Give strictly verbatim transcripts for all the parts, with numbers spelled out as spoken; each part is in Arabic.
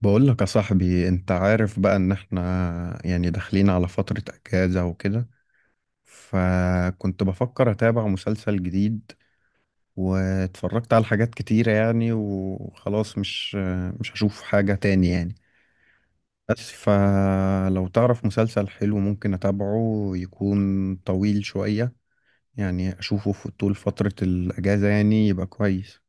بقول لك يا صاحبي، انت عارف بقى ان احنا يعني داخلين على فترة اجازة وكده. فكنت بفكر اتابع مسلسل جديد. واتفرجت على حاجات كتيرة يعني، وخلاص مش مش هشوف حاجة تاني يعني. بس فلو تعرف مسلسل حلو ممكن اتابعه يكون طويل شوية، يعني اشوفه في طول فترة الاجازة يعني يبقى كويس.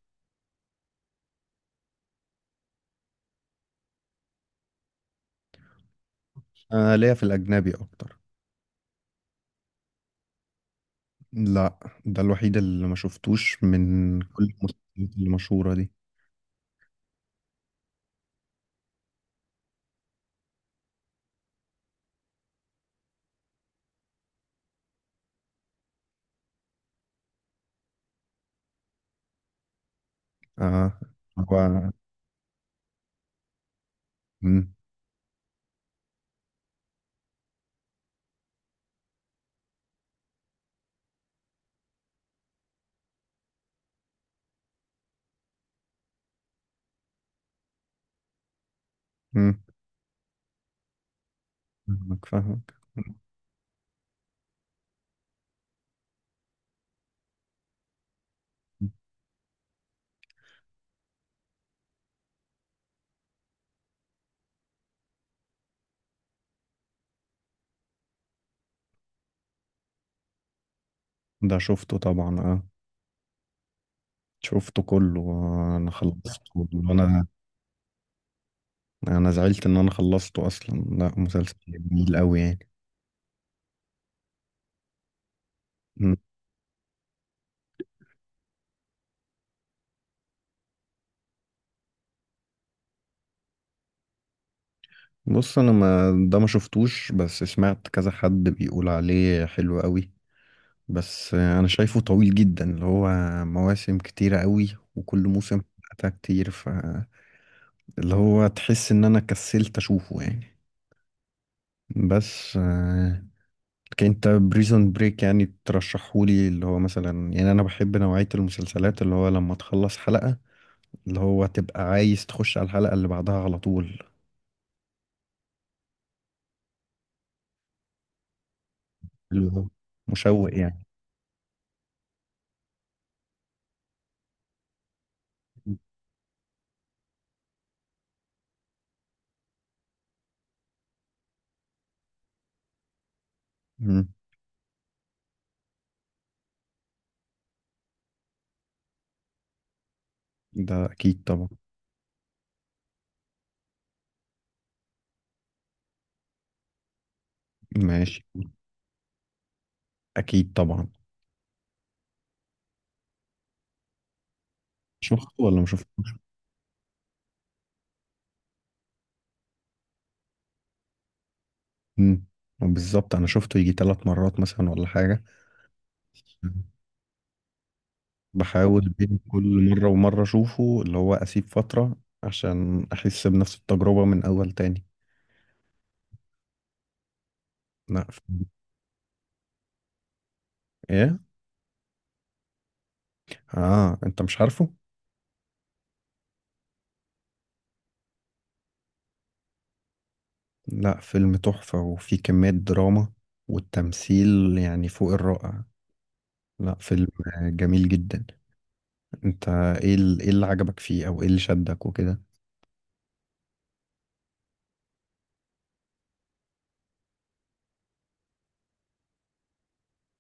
انا ليا في الاجنبي اكتر. لا، ده الوحيد اللي ما شفتوش من كل المسلسلات المشهورة دي. اه. هو. مم، مم، فاهمك فاهمك. ده شفته طبعا، اه. شفته كله، آه، انا خلصته وانا. انا زعلت ان انا خلصته اصلا، لا مسلسل جميل قوي يعني. مم. بص، انا ما ده ما شفتوش، بس سمعت كذا حد بيقول عليه حلو قوي. بس، آه، انا شايفه طويل جدا، اللي هو مواسم كتيرة قوي وكل موسم حلقتها كتير ف اللي هو تحس ان انا كسلت اشوفه يعني. بس آه، لكن انت بريزون بريك يعني ترشحهولي، اللي هو مثلا يعني انا بحب نوعية المسلسلات اللي هو لما تخلص حلقة اللي هو تبقى عايز تخش على الحلقة اللي بعدها على طول، اللي هو مشوق يعني. مم. ده اكيد طبعا. ماشي. اكيد طبعا. شفته ولا ما شفتوش. مم. بالظبط انا شفته يجي ثلاث مرات مثلا ولا حاجة. بحاول بين كل مرة ومرة أشوفه، اللي هو أسيب فترة عشان أحس بنفس التجربة من أول تاني. لا فيلم. إيه؟ آه أنت مش عارفه؟ لا فيلم تحفة، وفيه كمية دراما والتمثيل يعني فوق الرائع. لا فيلم جميل جدا. أنت، إيه ال- إيه اللي عجبك فيه أو إيه اللي شدك وكده؟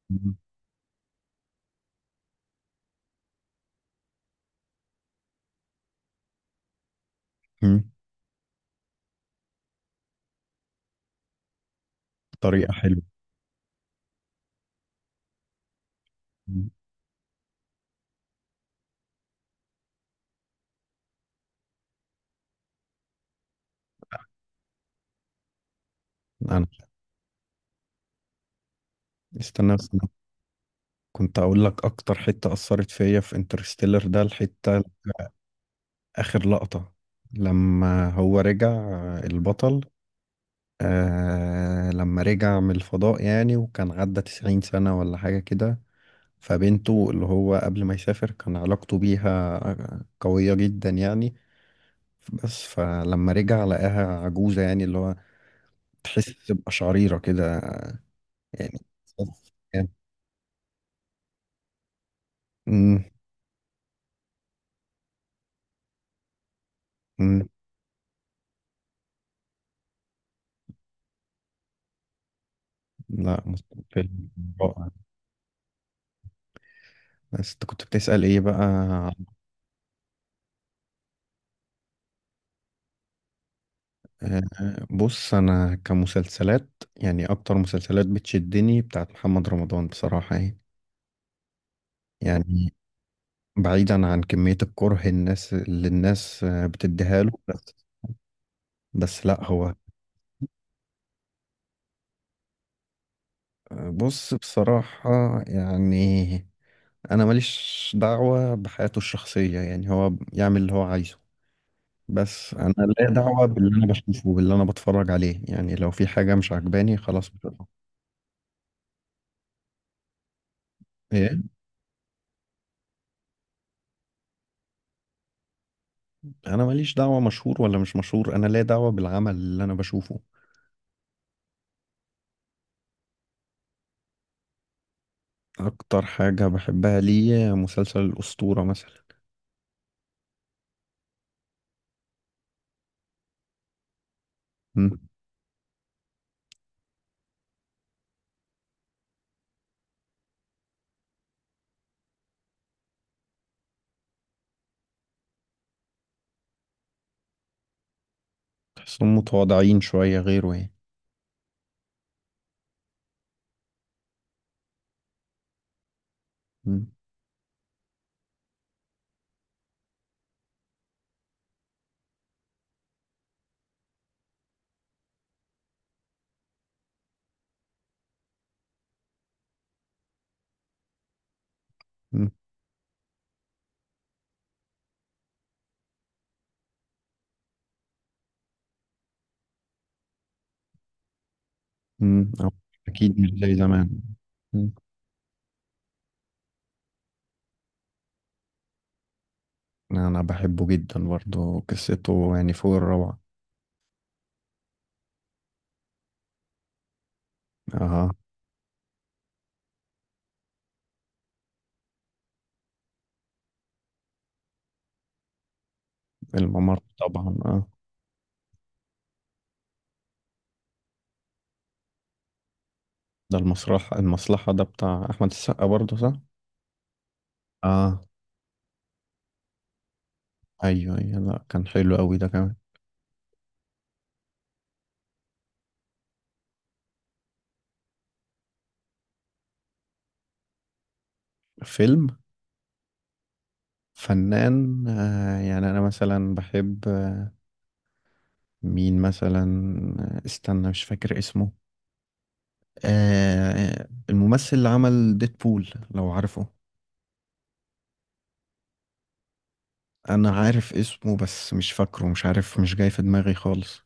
مم. مم. طريقة حلوة. مم. أنا، استنى بس أنا كنت أقول لك أكتر حتة أثرت فيا في انترستيلر ده الحتة آخر لقطة، لما هو رجع آه، البطل، آه لما رجع من الفضاء يعني وكان عدى تسعين سنة ولا حاجة كده، فبنته اللي هو قبل ما يسافر كان علاقته بيها آه، قوية جدا يعني. بس فلما رجع لقاها عجوزة، يعني اللي هو تحس بقشعريرة كده آه، يعني، يعني- مم، مم. لا فيلم رائع. بس انت كنت بتسأل ايه بقى. آه، بص انا كمسلسلات يعني اكتر مسلسلات بتشدني بتاعت محمد رمضان بصراحة يعني. يعني بعيدا عن كمية الكره، الناس اللي الناس آه، بتديها له بس. بس لا هو. آه، بص، بصراحة يعني انا ماليش دعوة بحياته الشخصية، يعني هو يعمل اللي هو عايزه. بس انا ليا دعوة باللي انا بشوفه، باللي انا بتفرج عليه، يعني لو في حاجة مش عجباني خلاص بقى. انا ماليش دعوة مشهور ولا مش مشهور، انا لا دعوة بالعمل اللي انا بشوفه. اكتر حاجة بحبها ليه مسلسل الأسطورة مثلا. مم. تحسهم متواضعين شوية غيره يعني. مم. مم. مم. أو، اكيد مش زي زمان. مم. انا بحبه جدا برضه قصته يعني فوق الروعة. اه. الممر طبعا، اه. ده المسرح المصلحة ده بتاع احمد السقا برضه، صح. اه. ايوه ايوه، لا كان حلو قوي ده كمان. فيلم. فنان، آه يعني انا مثلا بحب. مين مثلا. استنى مش فاكر اسمه. آه الممثل اللي عمل ديدبول لو عارفه. انا عارف اسمه بس مش فاكره، مش عارف، مش جاي في دماغي خالص.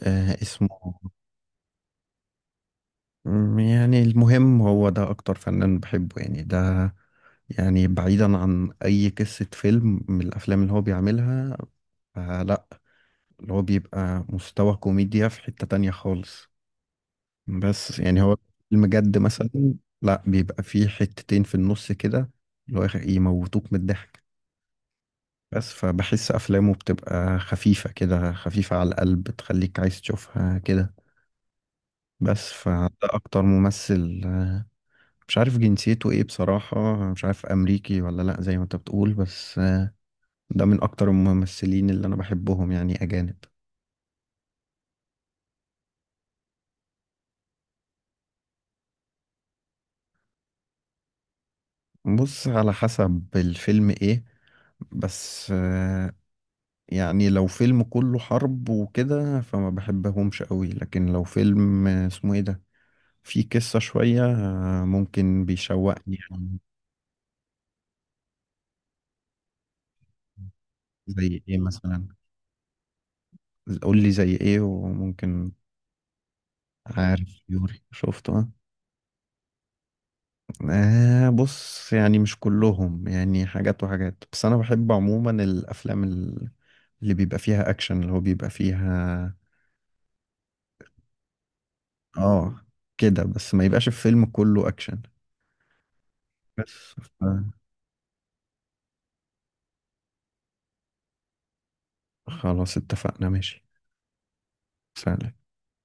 آه اسمه، م- يعني المهم هو ده اكتر فنان بحبه يعني، ده يعني بعيدا عن اي قصة فيلم من الافلام اللي هو بيعملها، فلا اللي هو بيبقى مستوى كوميديا في حتة تانية خالص. بس يعني هو المجد مثلا، لا بيبقى فيه حتتين في النص كده، اللي هو يموتوك من الضحك. بس فبحس أفلامه بتبقى خفيفة كده، خفيفة على القلب، تخليك عايز تشوفها كده. بس فده أكتر ممثل آه، مش عارف جنسيته إيه بصراحة، مش عارف أمريكي ولا لأ زي ما أنت بتقول، بس آه، ده من أكتر الممثلين اللي أنا بحبهم يعني أجانب. بص على حسب الفيلم إيه. بس، يعني لو فيلم كله حرب وكده فما بحبهمش قوي، لكن لو فيلم آه، اسمه ايه ده، فيه قصة شوية آه، ممكن بيشوقني يعني. زي ايه مثلا. قول لي زي ايه وممكن. عارف يوري شفته، اه. آه، بص يعني مش كلهم يعني حاجات وحاجات، بس انا بحب عموما الافلام ال- اللي بيبقى فيها اكشن، اللي هو بيبقى فيها. اه. كده، بس ما يبقاش الفيلم كله اكشن. بس. خلاص اتفقنا، ماشي. سلام.